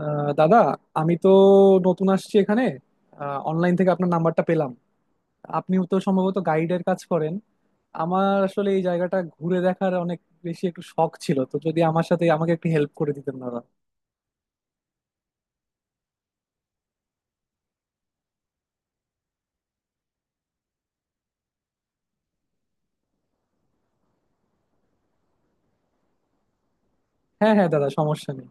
দাদা, আমি তো নতুন আসছি এখানে। অনলাইন থেকে আপনার নাম্বারটা পেলাম। আপনিও তো সম্ভবত গাইডের কাজ করেন। আমার আসলে এই জায়গাটা ঘুরে দেখার অনেক বেশি একটু শখ ছিল, তো যদি আমার সাথে আমাকে একটু হেল্প করে দিতেন দাদা। হ্যাঁ হ্যাঁ দাদা, সমস্যা নেই।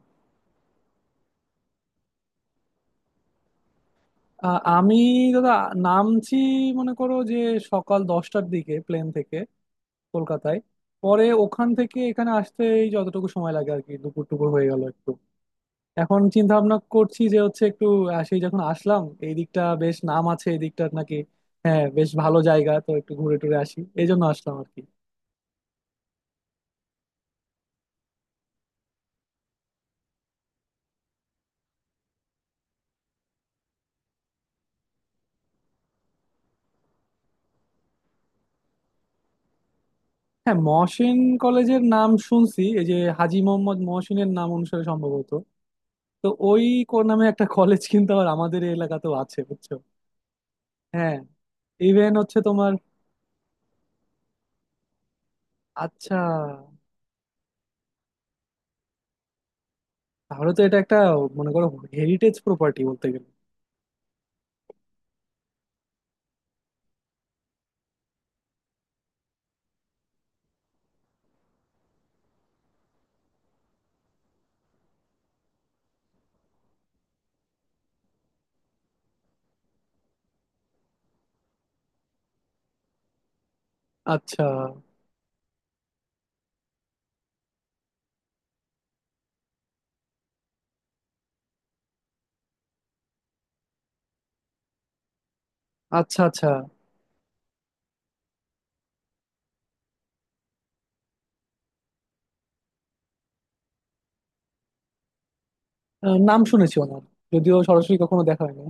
আমি দাদা নামছি, মনে করো যে সকাল 10টার দিকে প্লেন থেকে কলকাতায়। পরে ওখান থেকে এখানে আসতে এই যতটুকু সময় লাগে আর কি, দুপুর টুপুর হয়ে গেল একটু। এখন চিন্তা ভাবনা করছি যে হচ্ছে একটু, সেই যখন আসলাম এই দিকটা বেশ নাম আছে এই দিকটার নাকি। হ্যাঁ বেশ ভালো জায়গা, তো একটু ঘুরে টুরে আসি, এই জন্য আসলাম আর কি। হ্যাঁ, মহসিন কলেজের নাম শুনছি, এই যে হাজী মোহাম্মদ মহসিনের নাম অনুসারে সম্ভবত। তো ওই কোন নামে একটা কলেজ কিন্তু আবার আমাদের এই এলাকাতেও আছে, বুঝছো। হ্যাঁ, ইভেন হচ্ছে তোমার। আচ্ছা, তাহলে তো এটা একটা, মনে করো, হেরিটেজ প্রপার্টি বলতে গেলে। আচ্ছা আচ্ছা আচ্ছা। নাম শুনেছি ওনার, যদিও সরাসরি কখনো দেখা হয়নি।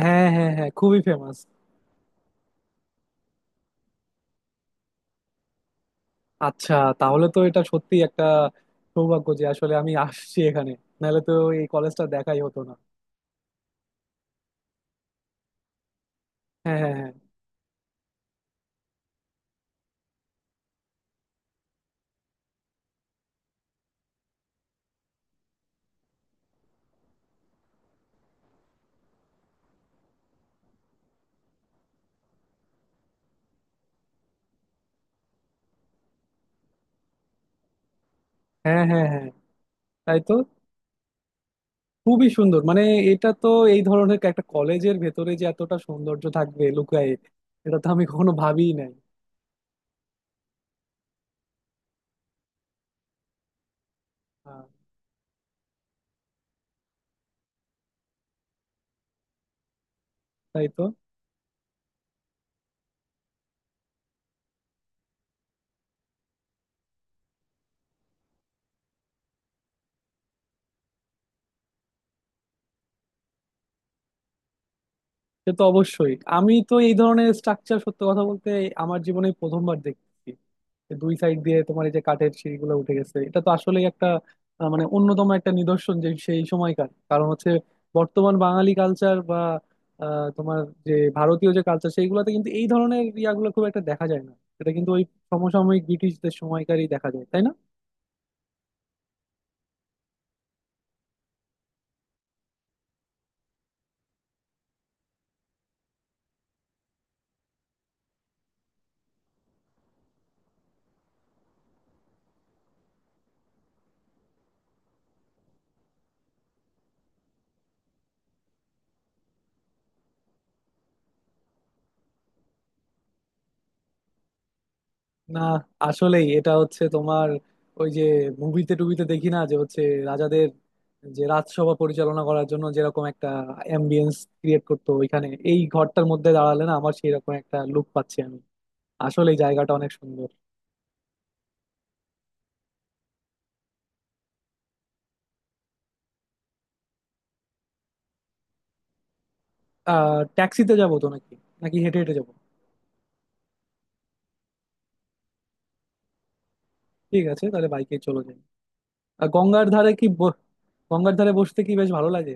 হ্যাঁ হ্যাঁ হ্যাঁ, খুবই ফেমাস। আচ্ছা, তাহলে তো এটা সত্যি একটা সৌভাগ্য যে আসলে আমি আসছি এখানে, নাহলে তো এই কলেজটা দেখাই হতো না। হ্যাঁ হ্যাঁ হ্যাঁ হ্যাঁ, হ্যাঁ হ্যাঁ, তাই তো। খুবই সুন্দর, মানে এটা তো, এই ধরনের একটা কলেজের ভেতরে যে এতটা সৌন্দর্য থাকবে লুকায়ে, এটা তো আমি কখনো ভাবিই নাই। আহ, তাই তো। সে তো অবশ্যই, আমি তো এই ধরনের স্ট্রাকচার সত্য কথা বলতে আমার জীবনে প্রথমবার দেখছি। যে দুই সাইড দিয়ে তোমার এই যে কাঠের সিঁড়িগুলো উঠে গেছে, এটা তো আসলেই একটা মানে অন্যতম একটা নিদর্শন যে সেই সময়কার, কারণ হচ্ছে বর্তমান বাঙালি কালচার বা তোমার যে ভারতীয় যে কালচার সেইগুলোতে কিন্তু এই ধরনের ইয়াগুলো খুব একটা দেখা যায় না। এটা কিন্তু ওই সমসাময়িক ব্রিটিশদের সময়কারই দেখা যায়, তাই না। না, আসলেই এটা হচ্ছে তোমার, ওই যে মুভিতে টুবিতে দেখি না যে হচ্ছে রাজাদের, যে রাজসভা পরিচালনা করার জন্য যেরকম একটা অ্যাম্বিয়েন্স ক্রিয়েট করতো ওইখানে, এই ঘরটার মধ্যে দাঁড়ালে না আমার সেই রকম একটা লুক পাচ্ছি আমি। আসলে জায়গাটা অনেক সুন্দর। আহ ট্যাক্সিতে যাবো তো নাকি, নাকি হেঁটে হেঁটে যাবো। ঠিক আছে, তাহলে বাইকে চলে যাই। আর গঙ্গার ধারে কি ব- গঙ্গার ধারে বসতে কি বেশ ভালো লাগে।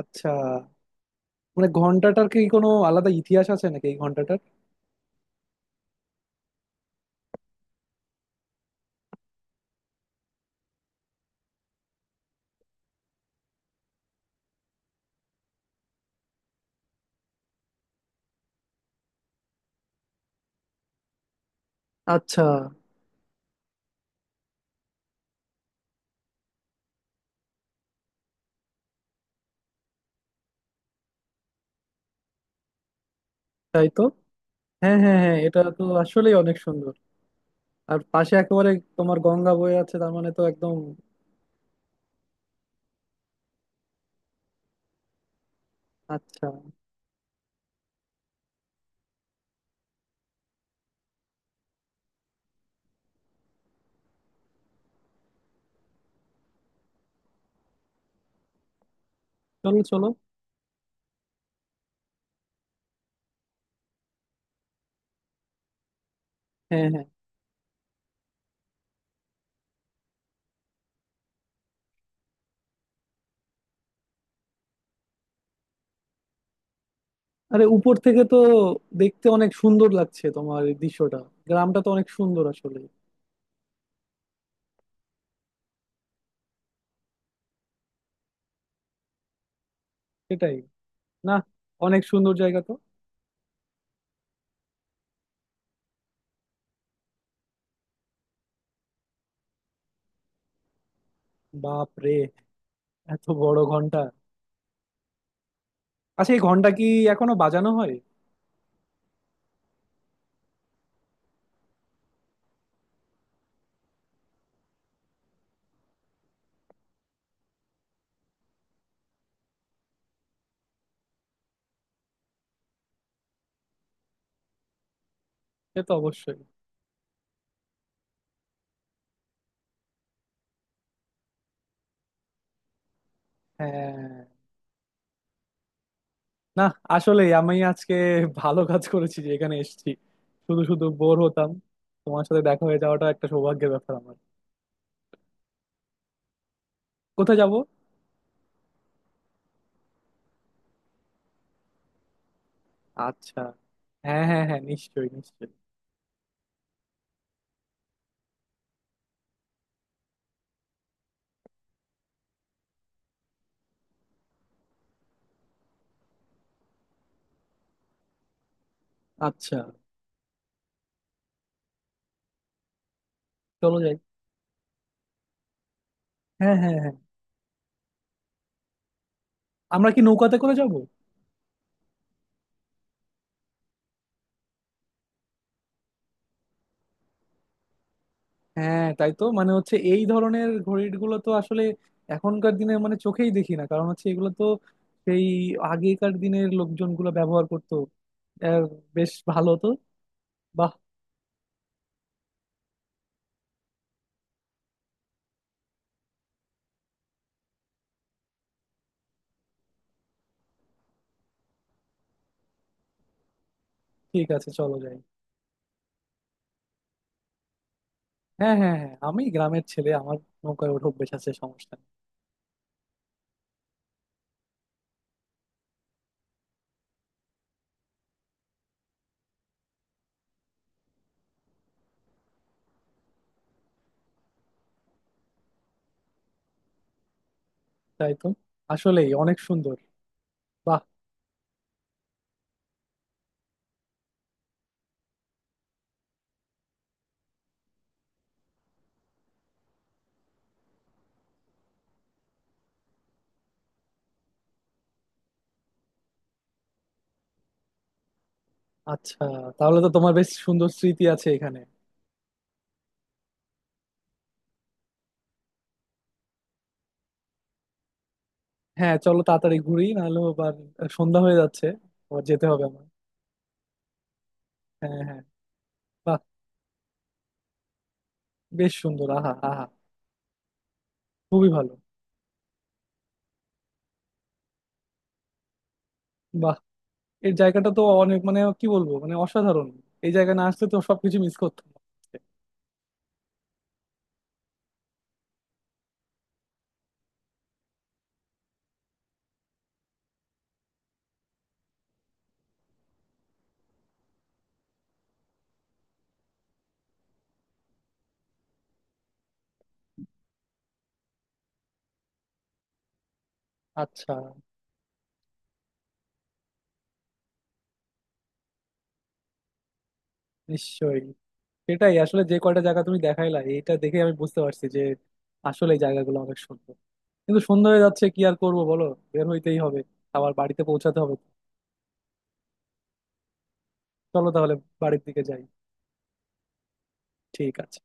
আচ্ছা, মানে ঘন্টাটার কি কোনো আলাদা ইতিহাস আছে নাকি এই ঘন্টাটার। আচ্ছা। তাই তো। হ্যাঁ হ্যাঁ হ্যাঁ, এটা তো আসলেই অনেক সুন্দর। আর পাশে একেবারে তোমার গঙ্গা বয়ে আছে, তার মানে তো একদম। আচ্ছা। চলো চলো। হ্যাঁ হ্যাঁ। আরে উপর থেকে তো দেখতে অনেক সুন্দর লাগছে তোমার এই দৃশ্যটা। গ্রামটা তো অনেক সুন্দর আসলে। সেটাই। না, অনেক সুন্দর জায়গা তো। বাপ রে, এত বড় ঘন্টা। আচ্ছা, এই ঘন্টা কি এখনো বাজানো হয়। সে তো অবশ্যই। হ্যাঁ। না, আসলে আমি আজকে ভালো কাজ করেছি যে এখানে এসেছি, শুধু শুধু বোর হতাম। তোমার সাথে দেখা হয়ে যাওয়াটা একটা সৌভাগ্যের ব্যাপার আমার। কোথায় যাব। আচ্ছা। হ্যাঁ হ্যাঁ হ্যাঁ, নিশ্চয়ই নিশ্চয়ই। আচ্ছা, চলো যাই। হ্যাঁ হ্যাঁ হ্যাঁ, আমরা কি নৌকাতে করে যাব। হ্যাঁ তাই তো, মানে হচ্ছে এই ধরনের ঘড়ির গুলো তো আসলে এখনকার দিনে মানে চোখেই দেখি না, কারণ হচ্ছে এগুলো তো সেই আগেকার দিনের লোকজনগুলো ব্যবহার করতো। আহ, বেশ ভালো তো, বাহ। ঠিক আছে, চলো যাই। হ্যাঁ হ্যাঁ হ্যাঁ, আমি গ্রামের ছেলে, আমার নৌকায় ওঠো বেশ আছে, সমস্যা নেই। তাই তো, আসলেই অনেক সুন্দর, বাহ। আচ্ছা, তাহলে তো তোমার বেশ সুন্দর স্মৃতি আছে এখানে। হ্যাঁ চলো তাড়াতাড়ি ঘুরি, নাহলে আবার সন্ধ্যা হয়ে যাচ্ছে। আবার যেতে হবে আমার। হ্যাঁ হ্যাঁ। বাহ, বেশ সুন্দর, আহা আহা। খুবই ভালো। বাহ, এর জায়গাটা তো অনেক, মানে কি বলবো, মানে অসাধারণ। এই জায়গায় না আসলে তো সবকিছু মিস করতাম। আচ্ছা। নিশ্চয়ই, সেটাই আসলে। যে কয়টা জায়গা তুমি দেখাইলা, এটা দেখে আমি বুঝতে পারছি যে আসলে এই জায়গাগুলো অনেক সুন্দর। কিন্তু সন্ধ্যা হয়ে যাচ্ছে, কি আর করবো বলো, বের হইতেই হবে। আবার বাড়িতে পৌঁছাতে হবে। চলো তাহলে বাড়ির দিকে যাই। ঠিক আছে।